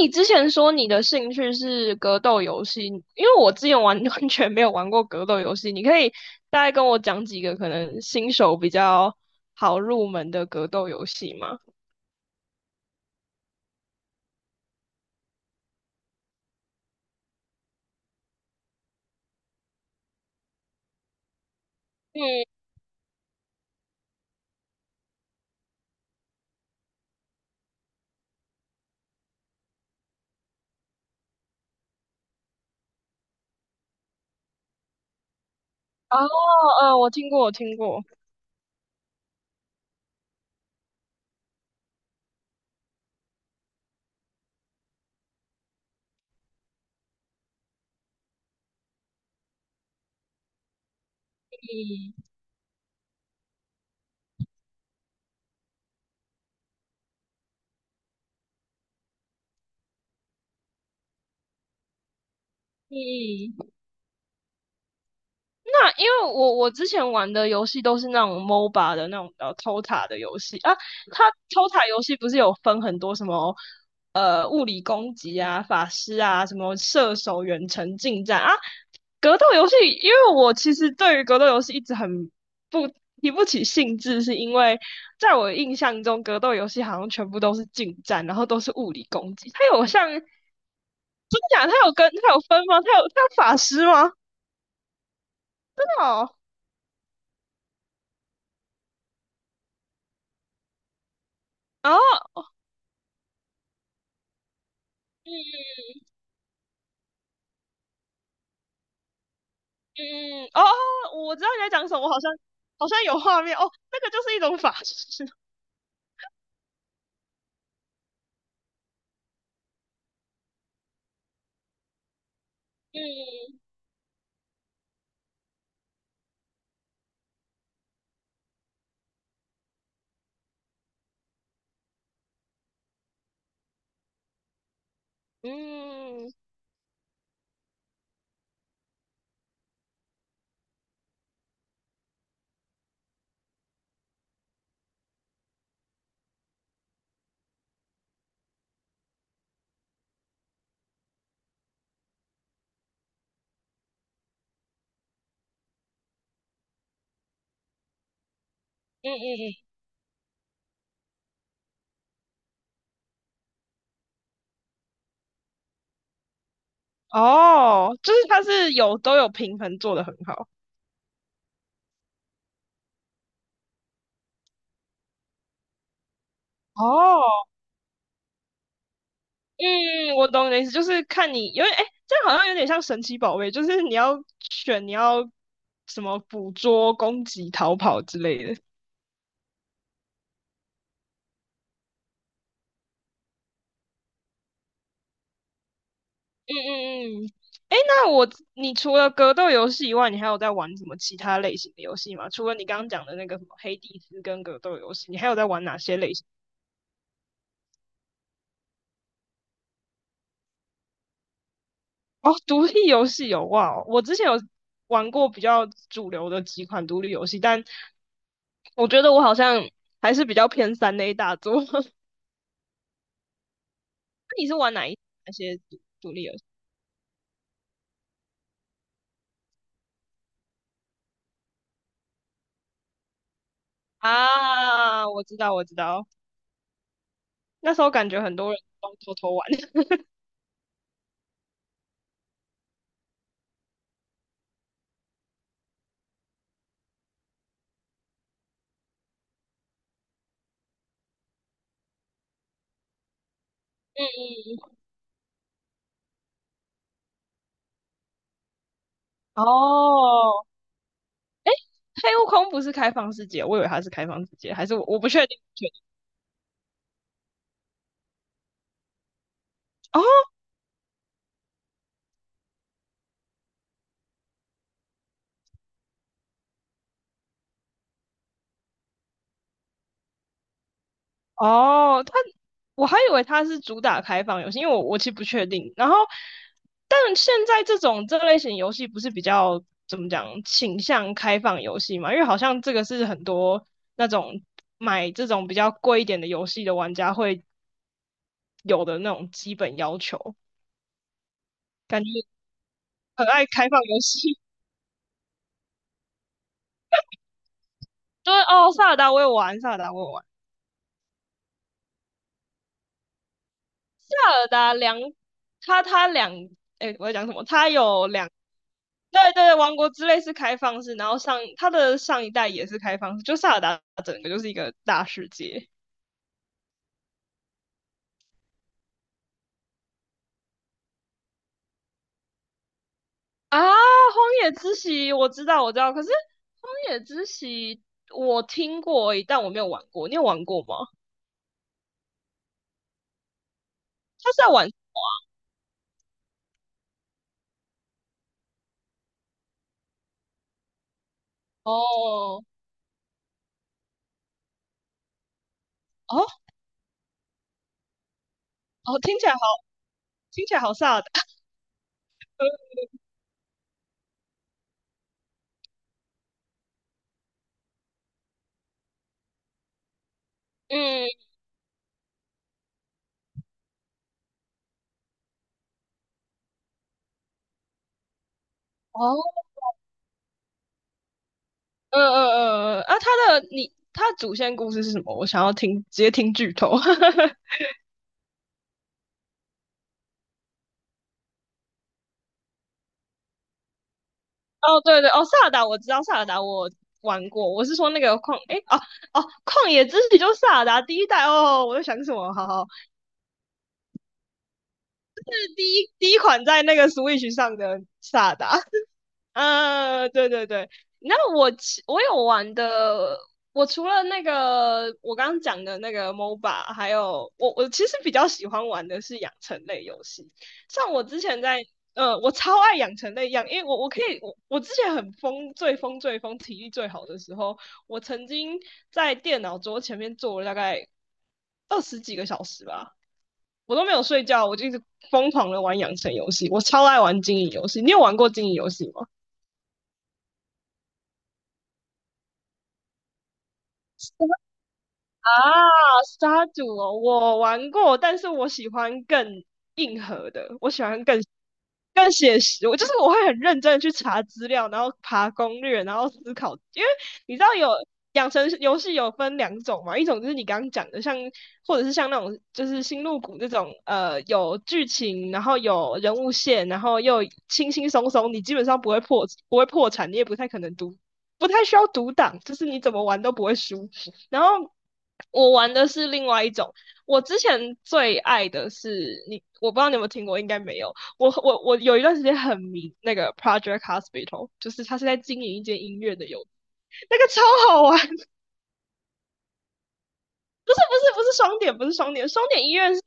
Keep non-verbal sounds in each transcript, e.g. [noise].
你之前说你的兴趣是格斗游戏，因为我之前完 [laughs] 完全没有玩过格斗游戏，你可以大概跟我讲几个可能新手比较好入门的格斗游戏吗？嗯。哦。我听过，我听过。嗯。那因为我之前玩的游戏都是那种 MOBA 的那种偷塔的游戏啊，它偷塔游戏不是有分很多什么物理攻击啊、法师啊、什么射手、远程近战啊，格斗游戏，因为我其实对于格斗游戏一直很不提不起兴致，是因为在我印象中，格斗游戏好像全部都是近战，然后都是物理攻击。它有像真的假的？它有分吗？它有法师吗？真的哦。然后嗯嗯哦，我知道你在讲什么，我好像好像有画面哦，那个就是一种法师。嗯嗯嗯嗯嗯。哦，就是它是有都有平衡做得很好。哦。嗯，我懂你的意思，就是看你因为哎，这样好像有点像神奇宝贝，就是你要选你要什么捕捉、攻击、逃跑之类的。嗯嗯嗯。哎，你除了格斗游戏以外，你还有在玩什么其他类型的游戏吗？除了你刚刚讲的那个什么黑帝斯跟格斗游戏，你还有在玩哪些类型？哦，独立游戏有哇哦我之前有玩过比较主流的几款独立游戏，但我觉得我好像还是比较偏三 A 大作。[laughs] 你是玩哪些独立游戏？啊，我知道，我知道。那时候感觉很多人都偷偷玩。[laughs] 嗯嗯。哦，黑悟空不是开放世界，我以为它是开放世界，还是我不确定，不确定。哦哦，我还以为它是主打开放游戏，因为我其实不确定。然后，但现在这种这类型游戏不是比较怎么讲倾向开放游戏嘛？因为好像这个是很多那种买这种比较贵一点的游戏的玩家会有的那种基本要求，感觉很爱开放游戏。[laughs] 对哦，萨尔达我也玩，萨尔达我也玩，萨尔达两，他他两，哎，我在讲什么？他有两，对对对王国之泪是开放式，然后上他的上一代也是开放式，就萨尔达整个就是一个大世界啊。荒野之息我知道我知道，可是荒野之息我听过而已，但我没有玩过，你有玩过吗？他是在玩哦哦哦，听起来好萨尔达。嗯。哦。嗯嗯嗯嗯。啊，他的主线故事是什么？我想要听，直接听剧透。[laughs] 哦，对对。哦，萨尔达我知道，萨尔达我玩过，我是说那个诶，哦哦，旷野之息就是萨尔达第一代哦，我在想什么？好好。第一款在那个 Switch 上的萨尔达。啊，对对对，那我其我有玩的，我除了那个我刚刚讲的那个 MOBA，还有我其实比较喜欢玩的是养成类游戏，像我之前在我超爱养成类，因为我我可以我我之前很疯，最疯最疯，体力最好的时候，我曾经在电脑桌前面坐了大概二十几个小时吧，我都没有睡觉，我就一直疯狂的玩养成游戏，我超爱玩经营游戏，你有玩过经营游戏吗？啊，杀毒哦，我玩过，但是我喜欢更硬核的，我喜欢更写实。我就是我会很认真的去查资料，然后爬攻略，然后思考，因为你知道有养成游戏有分两种嘛，一种就是你刚刚讲的，或者是像那种就是星露谷这种，有剧情，然后有人物线，然后又轻轻松松，你基本上不会破产，你也不太可能读，不太需要读档，就是你怎么玩都不会输。然后我玩的是另外一种，我之前最爱的是你，我不知道你有没有听过，应该没有。我有一段时间很迷那个 Project Hospital，就是他是在经营一间音乐的游戏，那个超好玩。[laughs] 但是不是双点，不是双点，双点医院是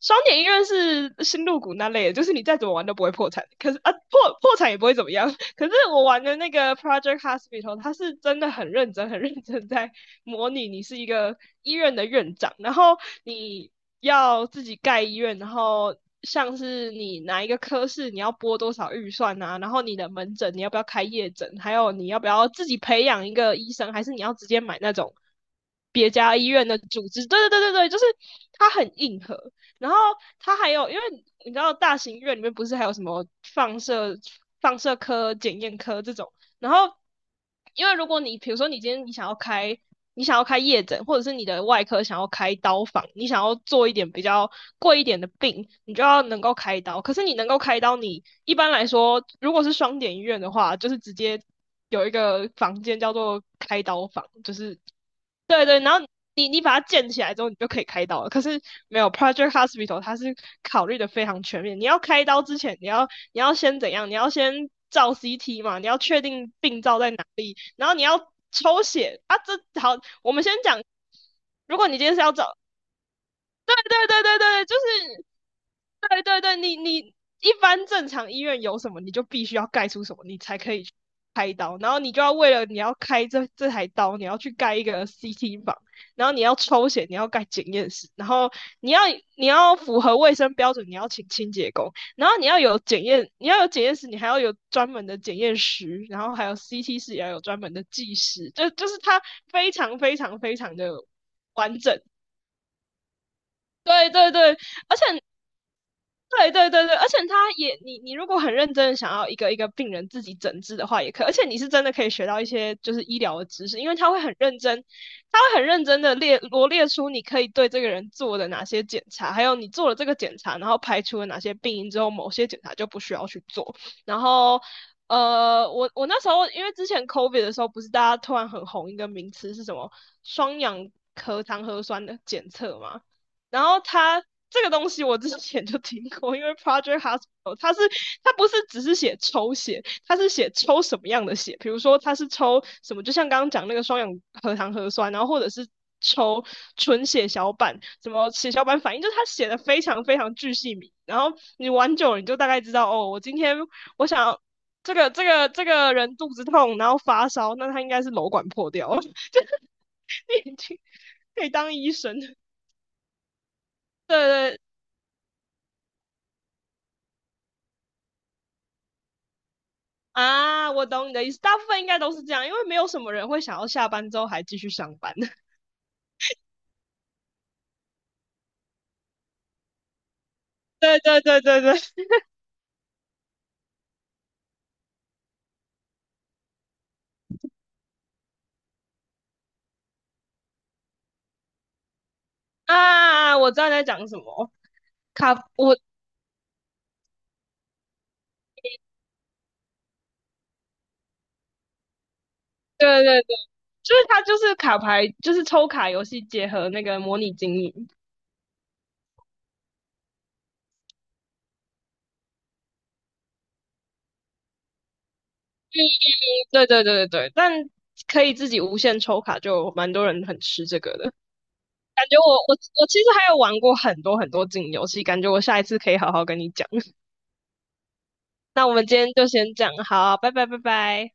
双点医院是新入股那类的，就是你再怎么玩都不会破产，可是啊破产也不会怎么样。可是我玩的那个 Project Hospital，它是真的很认真、很认真在模拟你是一个医院的院长，然后你要自己盖医院，然后像是你哪一个科室你要拨多少预算啊，然后你的门诊你要不要开夜诊，还有你要不要自己培养一个医生，还是你要直接买那种别家医院的组织？对对对对对，就是它很硬核。然后它还有，因为你知道大型医院里面不是还有什么放射放射科、检验科这种然后，因为如果你比如说你今天你想要开夜诊，或者是你的外科想要开刀房，你想要做一点比较贵一点的病，你就要能够开刀。可是你能够开刀，你一般来说如果是双点医院的话，就是直接有一个房间叫做开刀房，就是对对，然后。你你把它建起来之后，你就可以开刀了。可是没有 Project Hospital，它是考虑的非常全面。你要开刀之前，你要先怎样？你要先照 CT 嘛，你要确定病灶在哪里，然后你要抽血啊。这好，我们先讲，如果你今天是要找对对对对对，就是对对对，你一般正常医院有什么，你就必须要盖出什么，你才可以去开刀。然后你就要为了你要开这台刀，你要去盖一个 CT 房，然后你要抽血，你要盖检验室，然后你要你要符合卫生标准，你要请清洁工，然后你要有检验，你要有检验室，你还要有专门的检验师，然后还有 CT 室也要有专门的技师，就是它非常非常非常的完整。对对对，而且对对对对，而且他也，你如果很认真的想要一个一个病人自己诊治的话，也可以而且你是真的可以学到一些就是医疗的知识，因为他会很认真，他会很认真的罗列出你可以对这个人做的哪些检查，还有你做了这个检查，然后排除了哪些病因之后，某些检查就不需要去做，然后。我那时候因为之前 COVID 的时候，不是大家突然很红一个名词是什么双氧核糖核酸的检测嘛？然后他这个东西我之前就听过，因为 Project Hospital 它不是只是写抽血，它是写抽什么样的血，比如说它是抽什么，就像刚刚讲那个双氧核糖核酸，然后或者是抽纯血小板，什么血小板反应，就是它写的非常非常巨细靡，然后你玩久了你就大概知道哦，我今天我想要这个人肚子痛，然后发烧，那他应该是瘘管破掉了。[laughs] 你已经可以当医生。对对，啊，我懂你的意思，大部分应该都是这样，因为没有什么人会想要下班之后还继续上班。[laughs] 对对对对对，啊，我知道你在讲什么，卡，我，对对对，就是它就是卡牌，就是抽卡游戏结合那个模拟经营。对对对对对，但可以自己无限抽卡，就蛮多人很吃这个的。感觉我其实还有玩过很多很多经营游戏，感觉我下一次可以好好跟你讲。[laughs] 那我们今天就先这样，好，拜拜拜拜。